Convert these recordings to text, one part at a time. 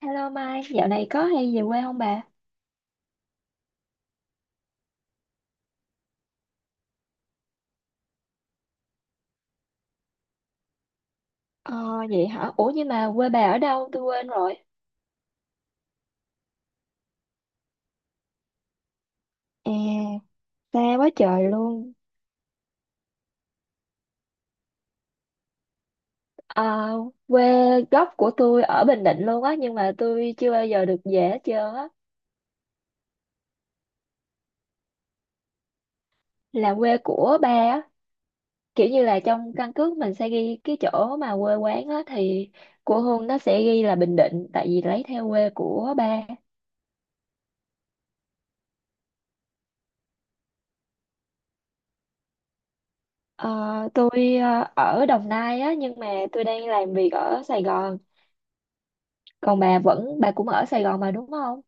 Hello Mai, dạo này có hay về quê không bà? Ờ, vậy hả? Ủa nhưng mà quê bà ở đâu? Tôi quên rồi. À, xa quá trời luôn. Ờ, quê gốc của tôi ở Bình Định luôn á, nhưng mà tôi chưa bao giờ được về hết trơn á. Là quê của ba á, kiểu như là trong căn cước mình sẽ ghi cái chỗ mà quê quán á, thì của Hương nó sẽ ghi là Bình Định, tại vì lấy theo quê của ba. Ờ, tôi ở Đồng Nai á, nhưng mà tôi đang làm việc ở Sài Gòn. Còn bà cũng ở Sài Gòn mà đúng không?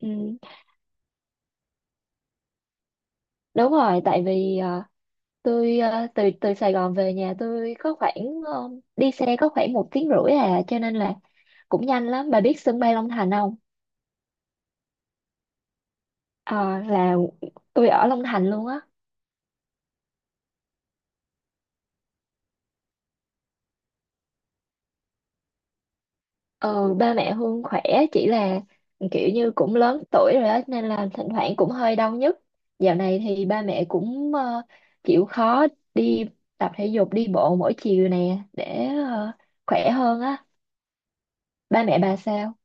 Ừ, đúng rồi, tại vì tôi từ từ Sài Gòn về nhà tôi có khoảng ờ, đi xe có khoảng một tiếng rưỡi à, cho nên là cũng nhanh lắm. Bà biết sân bay Long Thành không? Ờ, là tôi ở Long Thành luôn á. Ừ, ba mẹ Hương khỏe, chỉ là kiểu như cũng lớn tuổi rồi đó nên là thỉnh thoảng cũng hơi đau nhức. Dạo này thì ba mẹ cũng chịu khó đi tập thể dục, đi bộ mỗi chiều nè để khỏe hơn á. Ba mẹ bà sao?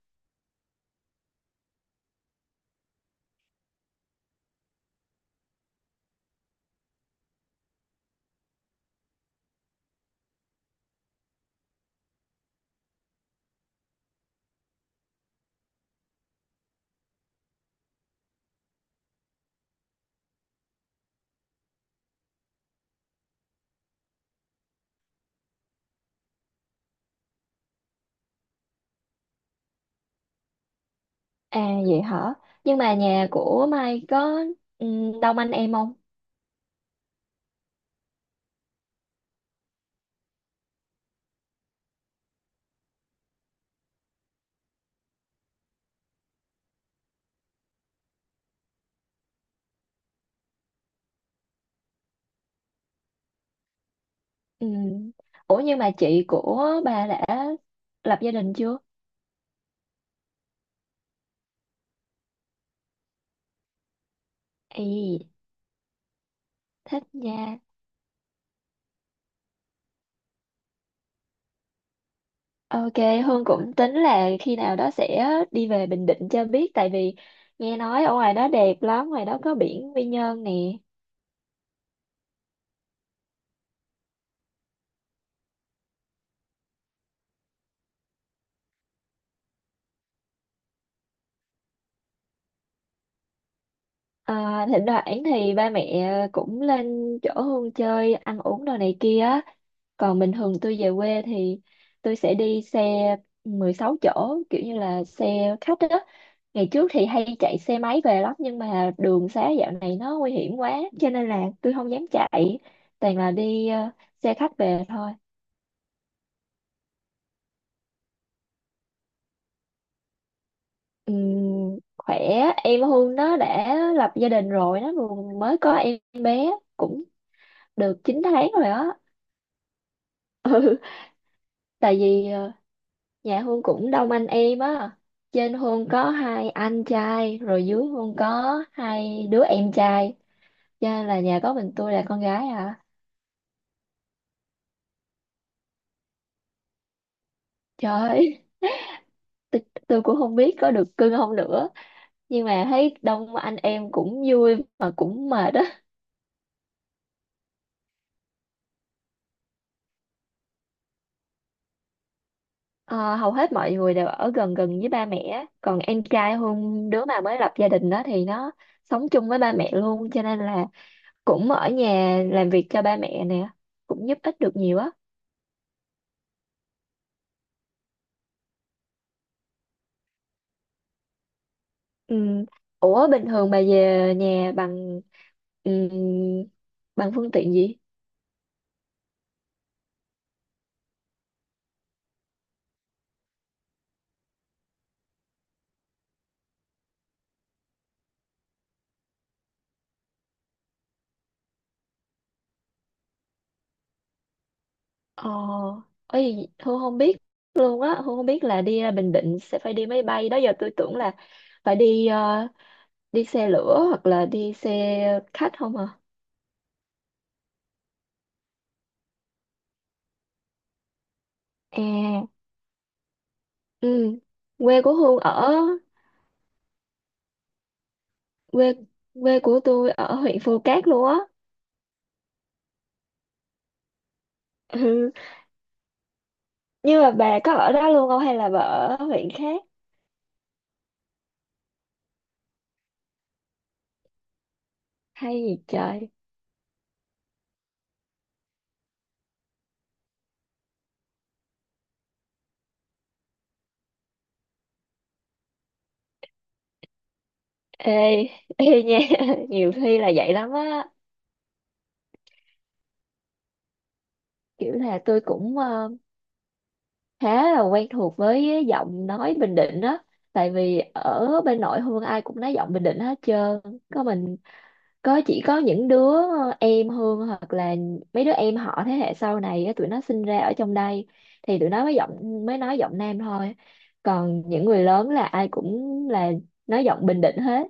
À, vậy hả? Nhưng mà nhà của Mai có đông anh em không? Ừm. Ủa nhưng mà chị của bà đã lập gia đình chưa? Ê, thích nha. Ok, Hương cũng tính là khi nào đó sẽ đi về Bình Định cho biết, tại vì nghe nói ở ngoài đó đẹp lắm, ngoài đó có biển Quy Nhơn nè. À, thỉnh thoảng thì ba mẹ cũng lên chỗ Hương chơi, ăn uống đồ này kia. Còn bình thường tôi về quê thì tôi sẽ đi xe 16 chỗ, kiểu như là xe khách đó. Ngày trước thì hay chạy xe máy về lắm nhưng mà đường xá dạo này nó nguy hiểm quá cho nên là tôi không dám chạy, toàn là đi xe khách về thôi. Khỏe. Em Hương nó đã lập gia đình rồi, nó vừa mới có em bé cũng được 9 tháng rồi á. Ừ, tại vì dạ Hương cũng đông anh em á. Trên Hương có hai anh trai, rồi dưới Hương có hai đứa em trai. Cho nên là nhà có mình tôi là con gái à. Trời ơi, tôi, tôi cũng không biết có được cưng không nữa. Nhưng mà thấy đông anh em cũng vui mà cũng mệt á. Ờ, hầu hết mọi người đều ở gần gần với ba mẹ á. Còn em trai Hương, đứa mà mới lập gia đình đó thì nó sống chung với ba mẹ luôn. Cho nên là cũng ở nhà làm việc cho ba mẹ nè. Cũng giúp ích được nhiều á. Ừm, Ủa bình thường bà về nhà bằng ừm, bằng phương tiện gì? Ờ, ấy Hương không biết luôn á, Hương không biết là đi ra Bình Định sẽ phải đi máy bay, đó giờ tôi tưởng là phải đi đi xe lửa hoặc là đi xe khách không à? À, ừ. Quê của Hương ở quê quê của tôi ở huyện Phù Cát luôn á. Ừ. Nhưng mà bà có ở đó luôn không hay là bà ở huyện khác? Hay gì trời? Ê, ê nha, nhiều khi là vậy lắm á. Kiểu là tôi cũng khá là quen thuộc với giọng nói Bình Định á. Tại vì ở bên nội Hương ai cũng nói giọng Bình Định hết trơn. Có mình, có chỉ có những đứa em Hương hoặc là mấy đứa em họ thế hệ sau này á, tụi nó sinh ra ở trong đây thì tụi nó mới nói giọng Nam thôi. Còn những người lớn là ai cũng là nói giọng Bình Định hết.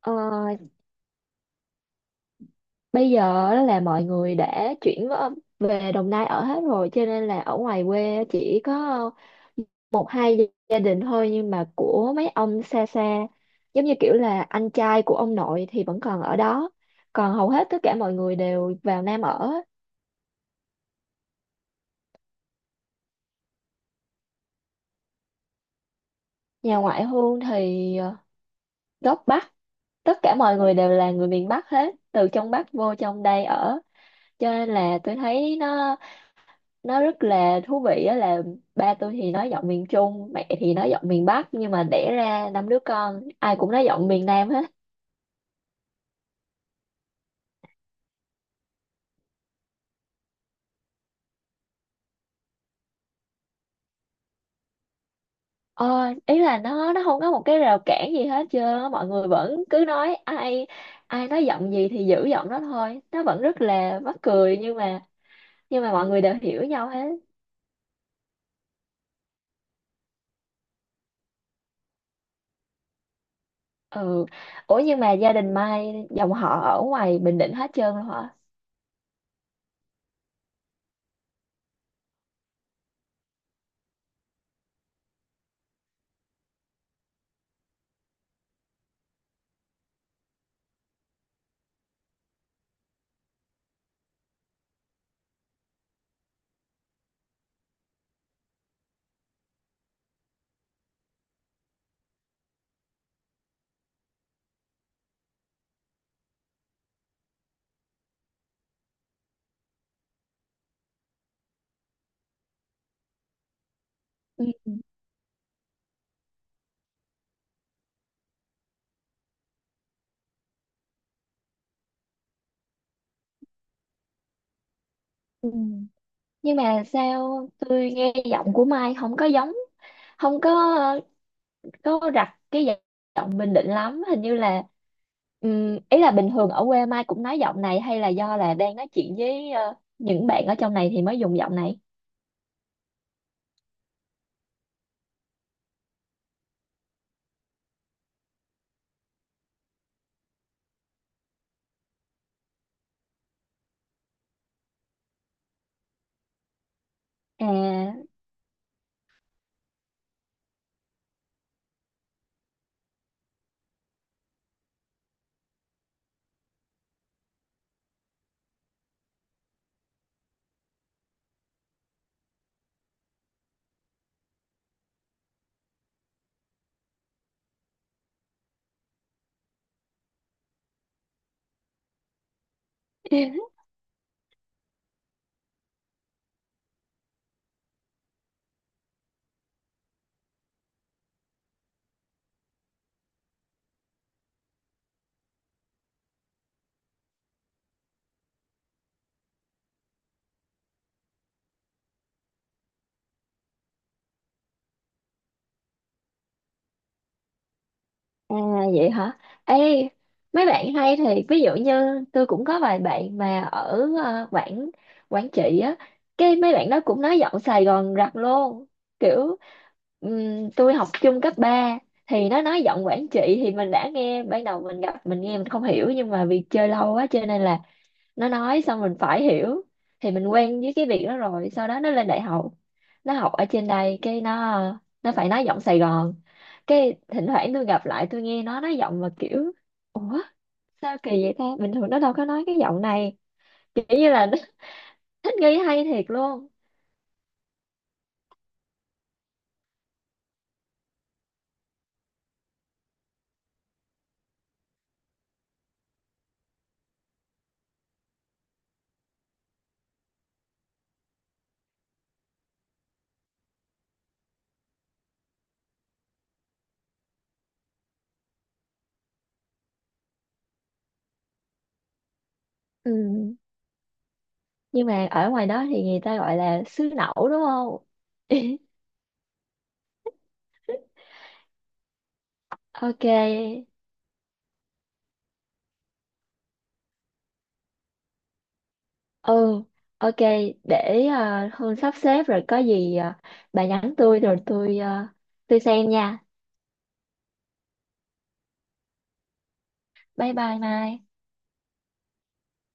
Ờ, bây giờ á là mọi người đã về Đồng Nai ở hết rồi cho nên là ở ngoài quê chỉ có hai gia gia đình thôi, nhưng mà của mấy ông xa xa, giống như kiểu là anh trai của ông nội thì vẫn còn ở đó, còn hầu hết tất cả mọi người đều vào Nam ở. Nhà ngoại hôn thì gốc Bắc, tất cả mọi người đều là người miền Bắc hết, từ trong Bắc vô trong đây ở. Cho nên là tôi thấy nó rất là thú vị á, là ba tôi thì nói giọng miền Trung, mẹ thì nói giọng miền Bắc, nhưng mà đẻ ra năm đứa con ai cũng nói giọng miền Nam hết. Ờ, ý là nó không có một cái rào cản gì hết trơn á, mọi người vẫn cứ nói, ai ai nói giọng gì thì giữ giọng đó thôi, nó vẫn rất là mắc cười, nhưng mà mọi người đều hiểu nhau hết. Ừ, ủa nhưng mà gia đình Mai dòng họ ở ngoài Bình Định hết trơn rồi hả? Ừ. Ừ. Nhưng mà sao tôi nghe giọng của Mai không có giống, không có có đặt cái giọng Bình Định lắm, hình như là ý là bình thường ở quê Mai cũng nói giọng này hay là do là đang nói chuyện với những bạn ở trong này thì mới dùng giọng này? À, à, vậy hả? Ê, mấy bạn hay thì ví dụ như tôi cũng có vài bạn mà ở Quảng Quảng Trị á, cái mấy bạn đó cũng nói giọng Sài Gòn rặt luôn. Kiểu tôi học chung cấp 3 thì nó nói giọng Quảng Trị thì mình đã nghe, ban đầu mình gặp mình nghe mình không hiểu nhưng mà vì chơi lâu quá cho nên là nó nói xong mình phải hiểu, thì mình quen với cái việc đó rồi. Sau đó nó lên đại học, nó học ở trên đây cái nó phải nói giọng Sài Gòn, cái thỉnh thoảng tôi gặp lại tôi nghe nó nói giọng mà kiểu ủa, sao kỳ vậy ta, bình thường nó đâu có nói cái giọng này, kiểu như là nó thích nghi hay thiệt luôn. Ừ. Nhưng mà ở ngoài đó thì người ta gọi là xứ nẩu đúng không? Ok. Ừ, ok, để Hương sắp xếp rồi có gì bà nhắn tôi rồi tôi tôi xem nha. Bye bye Mai.